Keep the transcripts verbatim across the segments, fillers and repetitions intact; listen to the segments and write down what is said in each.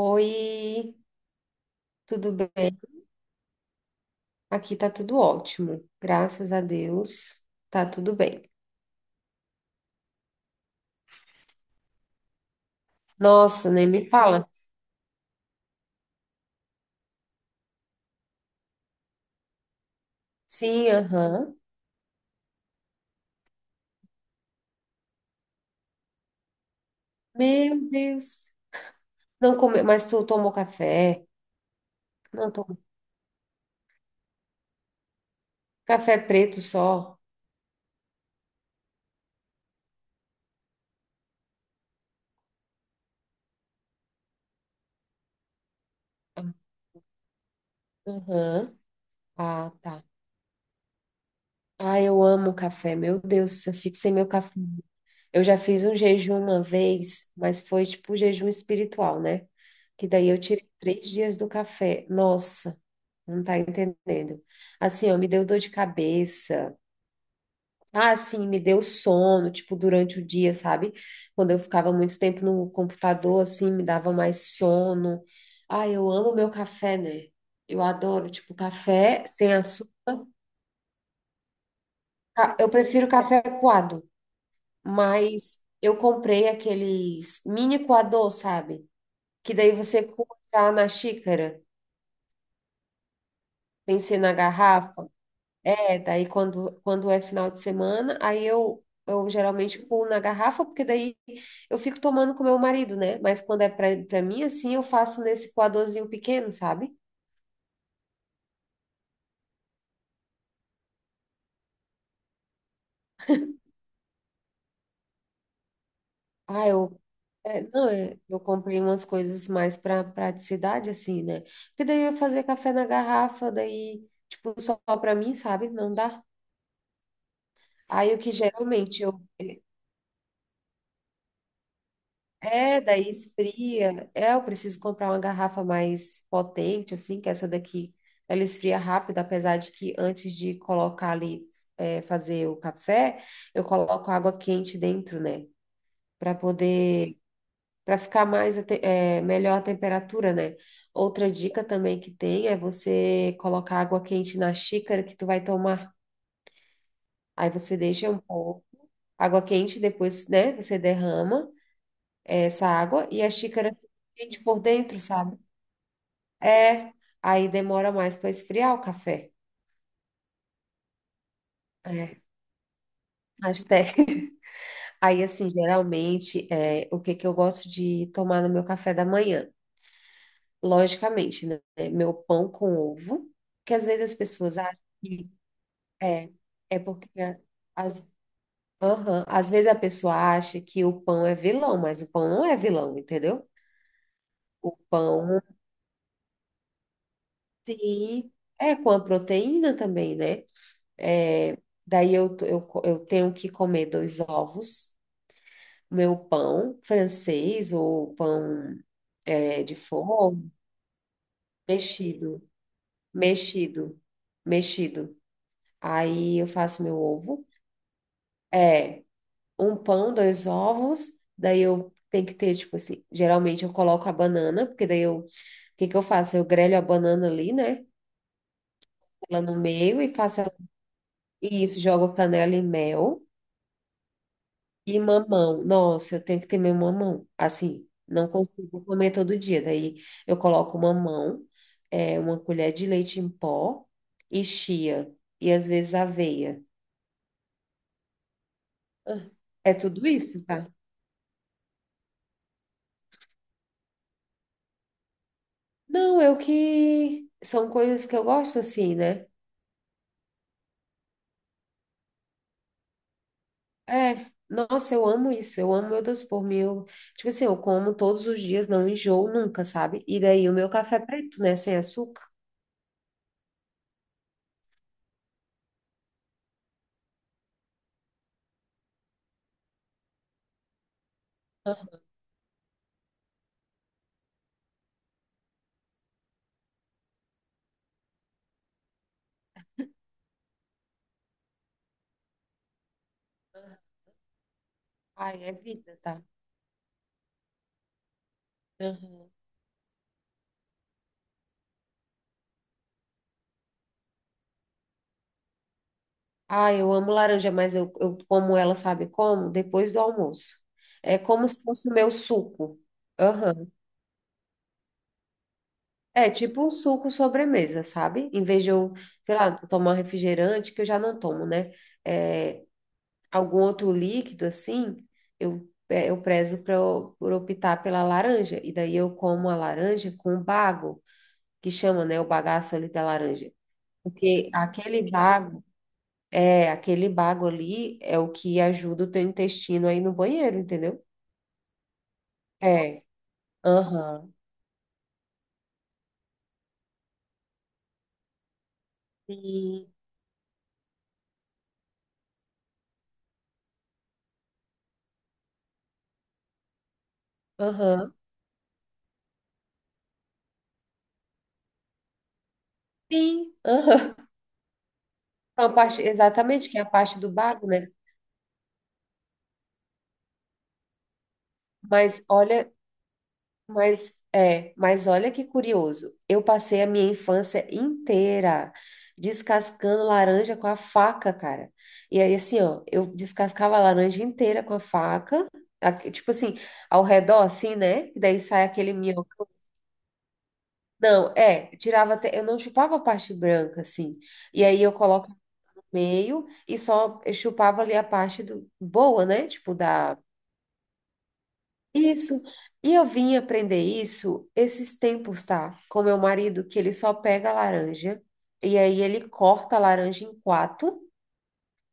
Oi, tudo bem? Aqui tá tudo ótimo, graças a Deus, tá tudo bem. Nossa, nem me fala. Sim, aham. Meu Deus. Não come... Mas tu tomou café? Não tomou. Café preto só? Aham. Ah, tá. Ah, eu amo café, meu Deus, eu fico sem meu café. Eu já fiz um jejum uma vez, mas foi tipo jejum espiritual, né? Que daí eu tirei três dias do café. Nossa, não tá entendendo. Assim, ó, me deu dor de cabeça. Ah, assim, me deu sono, tipo, durante o dia, sabe? Quando eu ficava muito tempo no computador, assim, me dava mais sono. Ah, eu amo meu café, né? Eu adoro, tipo, café sem açúcar. Ah, eu prefiro café coado. Mas eu comprei aqueles mini coador, sabe? Que daí você coloca na xícara, tem que ser na garrafa. É, daí quando, quando é final de semana, aí eu, eu geralmente pulo na garrafa, porque daí eu fico tomando com meu marido, né? Mas quando é pra, pra mim, assim, eu faço nesse coadorzinho pequeno, sabe? Ah, eu. É, não, é, eu comprei umas coisas mais para praticidade, assim, né? Porque daí eu ia fazer café na garrafa, daí, tipo, só pra mim, sabe? Não dá. Aí o que geralmente eu é, daí esfria. É, eu preciso comprar uma garrafa mais potente, assim, que essa daqui ela esfria rápido, apesar de que antes de colocar ali, é, fazer o café, eu coloco água quente dentro, né? Para poder, para ficar mais, a te- é, melhor a temperatura, né? Outra dica também que tem é você colocar água quente na xícara que tu vai tomar. Aí você deixa um pouco água quente, depois, né, você derrama. Essa água e a xícara é quente por dentro, sabe? É, aí demora mais para esfriar o café. É, mas Aí, assim, geralmente, é, o que que eu gosto de tomar no meu café da manhã? Logicamente, né? é Meu pão com ovo, que às vezes as pessoas acham que é, é porque as, aham, às vezes a pessoa acha que o pão é vilão, mas o pão não é vilão, entendeu? O pão, sim, é com a proteína também, né? É, daí eu, eu, eu tenho que comer dois ovos, meu pão francês ou pão é, de forno, mexido, mexido, mexido. Aí eu faço meu ovo, é um pão, dois ovos, daí eu tenho que ter, tipo assim, geralmente eu coloco a banana, porque daí eu, o que que eu faço? Eu grelho a banana ali, né? Ela no meio e faço, ela- e isso, jogo canela e mel. E mamão, nossa, eu tenho que ter meu mamão. Assim, não consigo comer todo dia. Daí eu coloco mamão, é, uma colher de leite em pó e chia. E às vezes aveia. Ah, é tudo isso, tá? Não, eu que. São coisas que eu gosto assim, né? É. Nossa, eu amo isso. Eu amo meu doce por mim. Eu... Tipo assim, eu como todos os dias, não enjoo nunca, sabe? E daí o meu café é preto, né? Sem açúcar. Aham. Ai, é vida, tá? Aham. Ah, eu amo laranja, mas eu, eu como ela, sabe como? Depois do almoço. É como se fosse o meu suco. Aham. É tipo um suco sobremesa, sabe? Em vez de eu, sei lá, tomar um refrigerante, que eu já não tomo, né? É, algum outro líquido assim, eu, é, eu prezo pra eu- por optar pela laranja. E daí eu como a laranja com bago, que chama, né, o bagaço ali da laranja. Porque aquele bago. É, aquele bago ali é o que ajuda o teu intestino aí no banheiro, entendeu? É. Aham. Sim. Aham. Sim. Aham. É uma parte, exatamente, que é a parte do bago, né? Mas olha, mas é, mas olha que curioso. Eu passei a minha infância inteira descascando laranja com a faca, cara. E aí assim, ó, eu descascava a laranja inteira com a faca, aqui- tipo assim, ao redor assim, né? E daí sai aquele minhocão. Não, é, tirava até, eu não chupava a parte branca, assim. E aí eu coloco no meio e só eu chupava ali a parte do boa, né? Tipo da isso. E eu vim aprender isso esses tempos, tá? Com meu marido, que ele só pega a laranja e aí ele corta a laranja em quatro,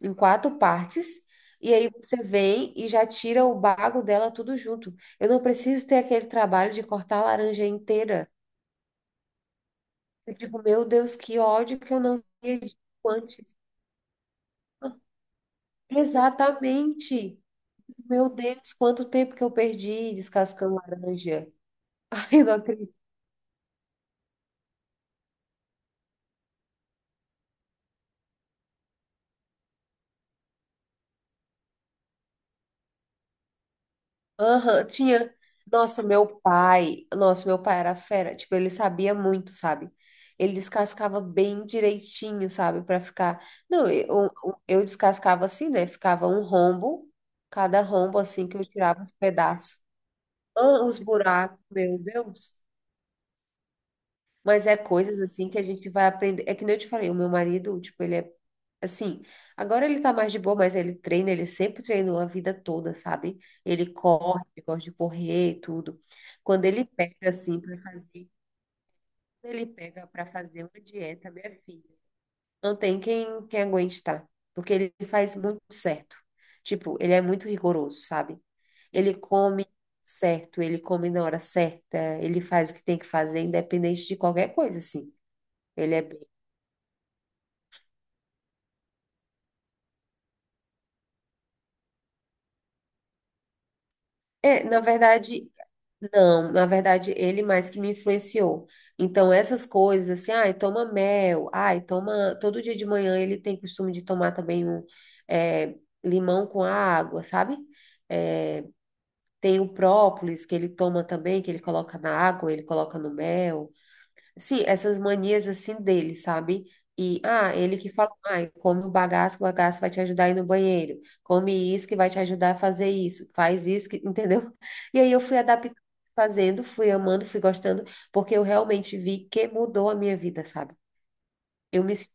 em quatro partes. E aí você vem e já tira o bago dela tudo junto. Eu não preciso ter aquele trabalho de cortar a laranja inteira. Eu digo, meu Deus, que ódio que eu não via disso antes. Exatamente. Meu Deus, quanto tempo que eu perdi descascando laranja. Ai, eu não acredito. Aham, tinha. Nossa, meu pai. Nossa, meu pai era fera. Tipo, ele sabia muito, sabe? Ele descascava bem direitinho, sabe? Pra ficar. Não, eu, eu descascava assim, né? Ficava um rombo, cada rombo assim que eu tirava os pedaços. Ah, os buracos, meu Deus. Mas é coisas assim que a gente vai aprender. É que nem eu te falei, o meu marido, tipo, ele é assim. Agora ele tá mais de boa, mas ele treina, ele sempre treinou a vida toda, sabe? Ele corre, ele gosta de correr e tudo. Quando ele pega assim pra fazer, quando ele pega pra fazer uma dieta, minha filha, não tem quem quem aguente, tá? Porque ele faz muito certo. Tipo, ele é muito rigoroso, sabe? Ele come certo, ele come na hora certa, ele faz o que tem que fazer, independente de qualquer coisa, assim. Ele é É, na verdade, não, na verdade, ele mais que me influenciou. Então, essas coisas, assim, ai, toma mel, ai, toma. Todo dia de manhã ele tem costume de tomar também um é, limão com água, sabe? É, tem o própolis que ele toma também, que ele coloca na água, ele coloca no mel. Sim, essas manias assim dele, sabe? E, ah, ele que fala, ah, come o bagaço, o bagaço vai te ajudar a ir no banheiro. Come isso que vai te ajudar a fazer isso. Faz isso, que, entendeu? E aí eu fui adaptando, fazendo, fui amando, fui gostando, porque eu realmente vi que mudou a minha vida, sabe? Eu me... sen-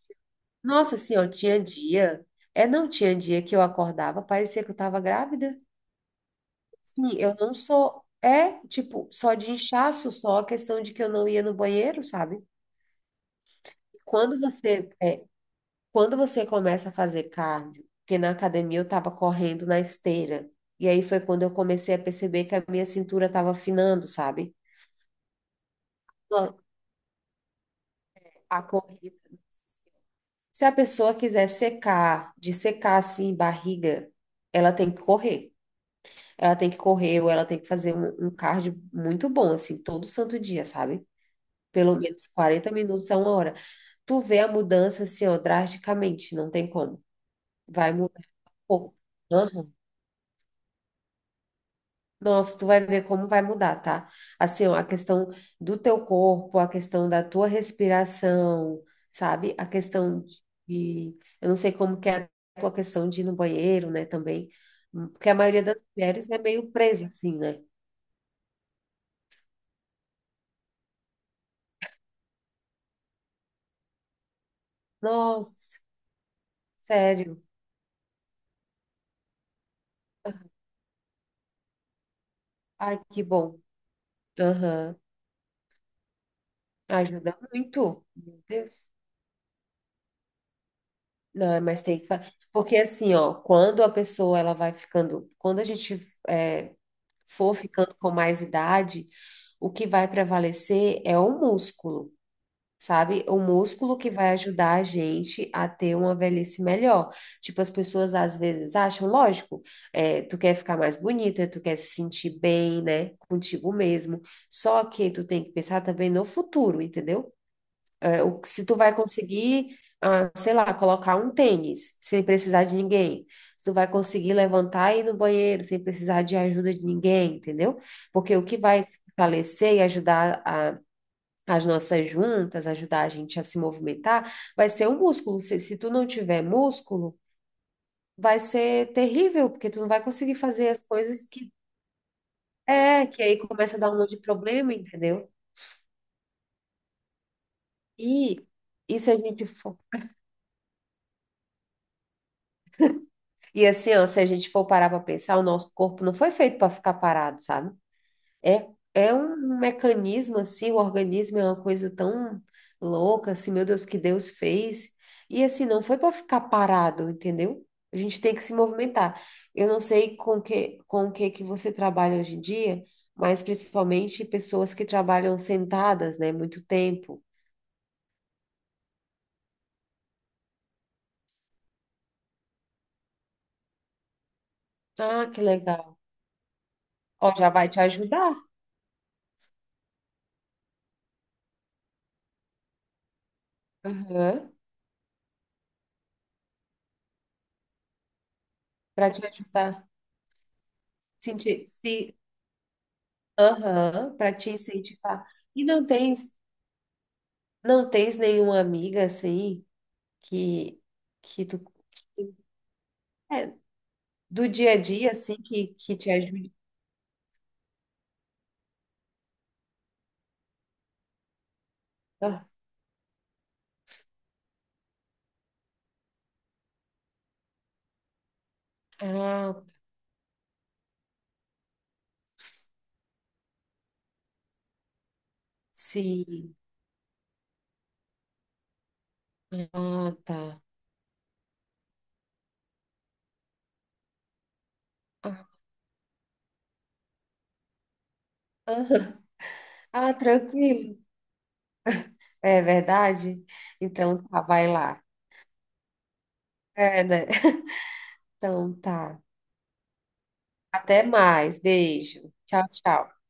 Nossa, assim, ó, tinha dia... É, não tinha dia que eu acordava, parecia que eu tava grávida. Sim, eu não sou... É, tipo, só de inchaço, só a questão de que eu não ia no banheiro, sabe? Quando você... é, Quando você começa a fazer cardio, porque na academia eu estava correndo na esteira, e aí foi quando eu comecei a perceber que a minha cintura estava afinando, sabe? A corrida. Se a pessoa quiser secar, de secar assim, barriga, ela tem que correr. Ela tem que correr ou ela tem que fazer um, um cardio muito bom, assim, todo santo dia, sabe? Pelo menos quarenta minutos a uma hora. Tu vê a mudança, assim, ó, drasticamente, não tem como. Vai mudar. Pô. Nossa, tu vai ver como vai mudar, tá? Assim, ó, a questão do teu corpo, a questão da tua respiração, sabe? A questão de, eu não sei como que é a tua questão de ir no banheiro, né, também, porque a maioria das mulheres é meio presa assim, né? Nossa, sério. Ai, que bom. Aham. Ajuda muito. Meu Deus. Não, é, mas tem que fazer. Porque assim, ó, quando a pessoa ela vai ficando, quando a gente é, for ficando com mais idade, o que vai prevalecer é o músculo, sabe? O músculo que vai ajudar a gente a ter uma velhice melhor. Tipo, as pessoas às vezes acham, lógico, é, tu quer ficar mais bonita, tu quer se sentir bem, né, contigo mesmo. Só que tu tem que pensar também no futuro, entendeu? O que- Se tu vai conseguir, ah, sei lá, colocar um tênis sem precisar de ninguém. Se tu vai conseguir levantar e ir no banheiro sem precisar de ajuda de ninguém, entendeu? Porque o que vai fortalecer e ajudar a- as nossas juntas, ajudar a gente a se movimentar, vai ser o músculo. Se, se tu não tiver músculo, vai ser terrível, porque tu não vai conseguir fazer as coisas que é, que aí começa a dar um monte de problema, entendeu? E, e se a gente for E assim, ó, se a gente for parar para pensar, o nosso corpo não foi feito para ficar parado, sabe? É, é um mecanismo assim, o organismo é uma coisa tão louca, assim, meu Deus, que Deus fez. E assim, não foi para ficar parado, entendeu? A gente tem que se movimentar. Eu não sei com que, com o que que você trabalha hoje em dia, mas principalmente pessoas que trabalham sentadas, né, muito tempo. Ah, que legal. Ó, já vai te ajudar. Aham. Para te ajudar. Sentir, se Aham, para te incentivar. E não tens, não tens nenhuma amiga assim que que tu é, do dia a dia assim que que te ajude. Ah, ah, sim. Ah, tá. Ah, aham. Ah, tranquilo. É verdade? Então tá, vai lá. É, né? Então tá. Até mais. Beijo. Tchau, tchau.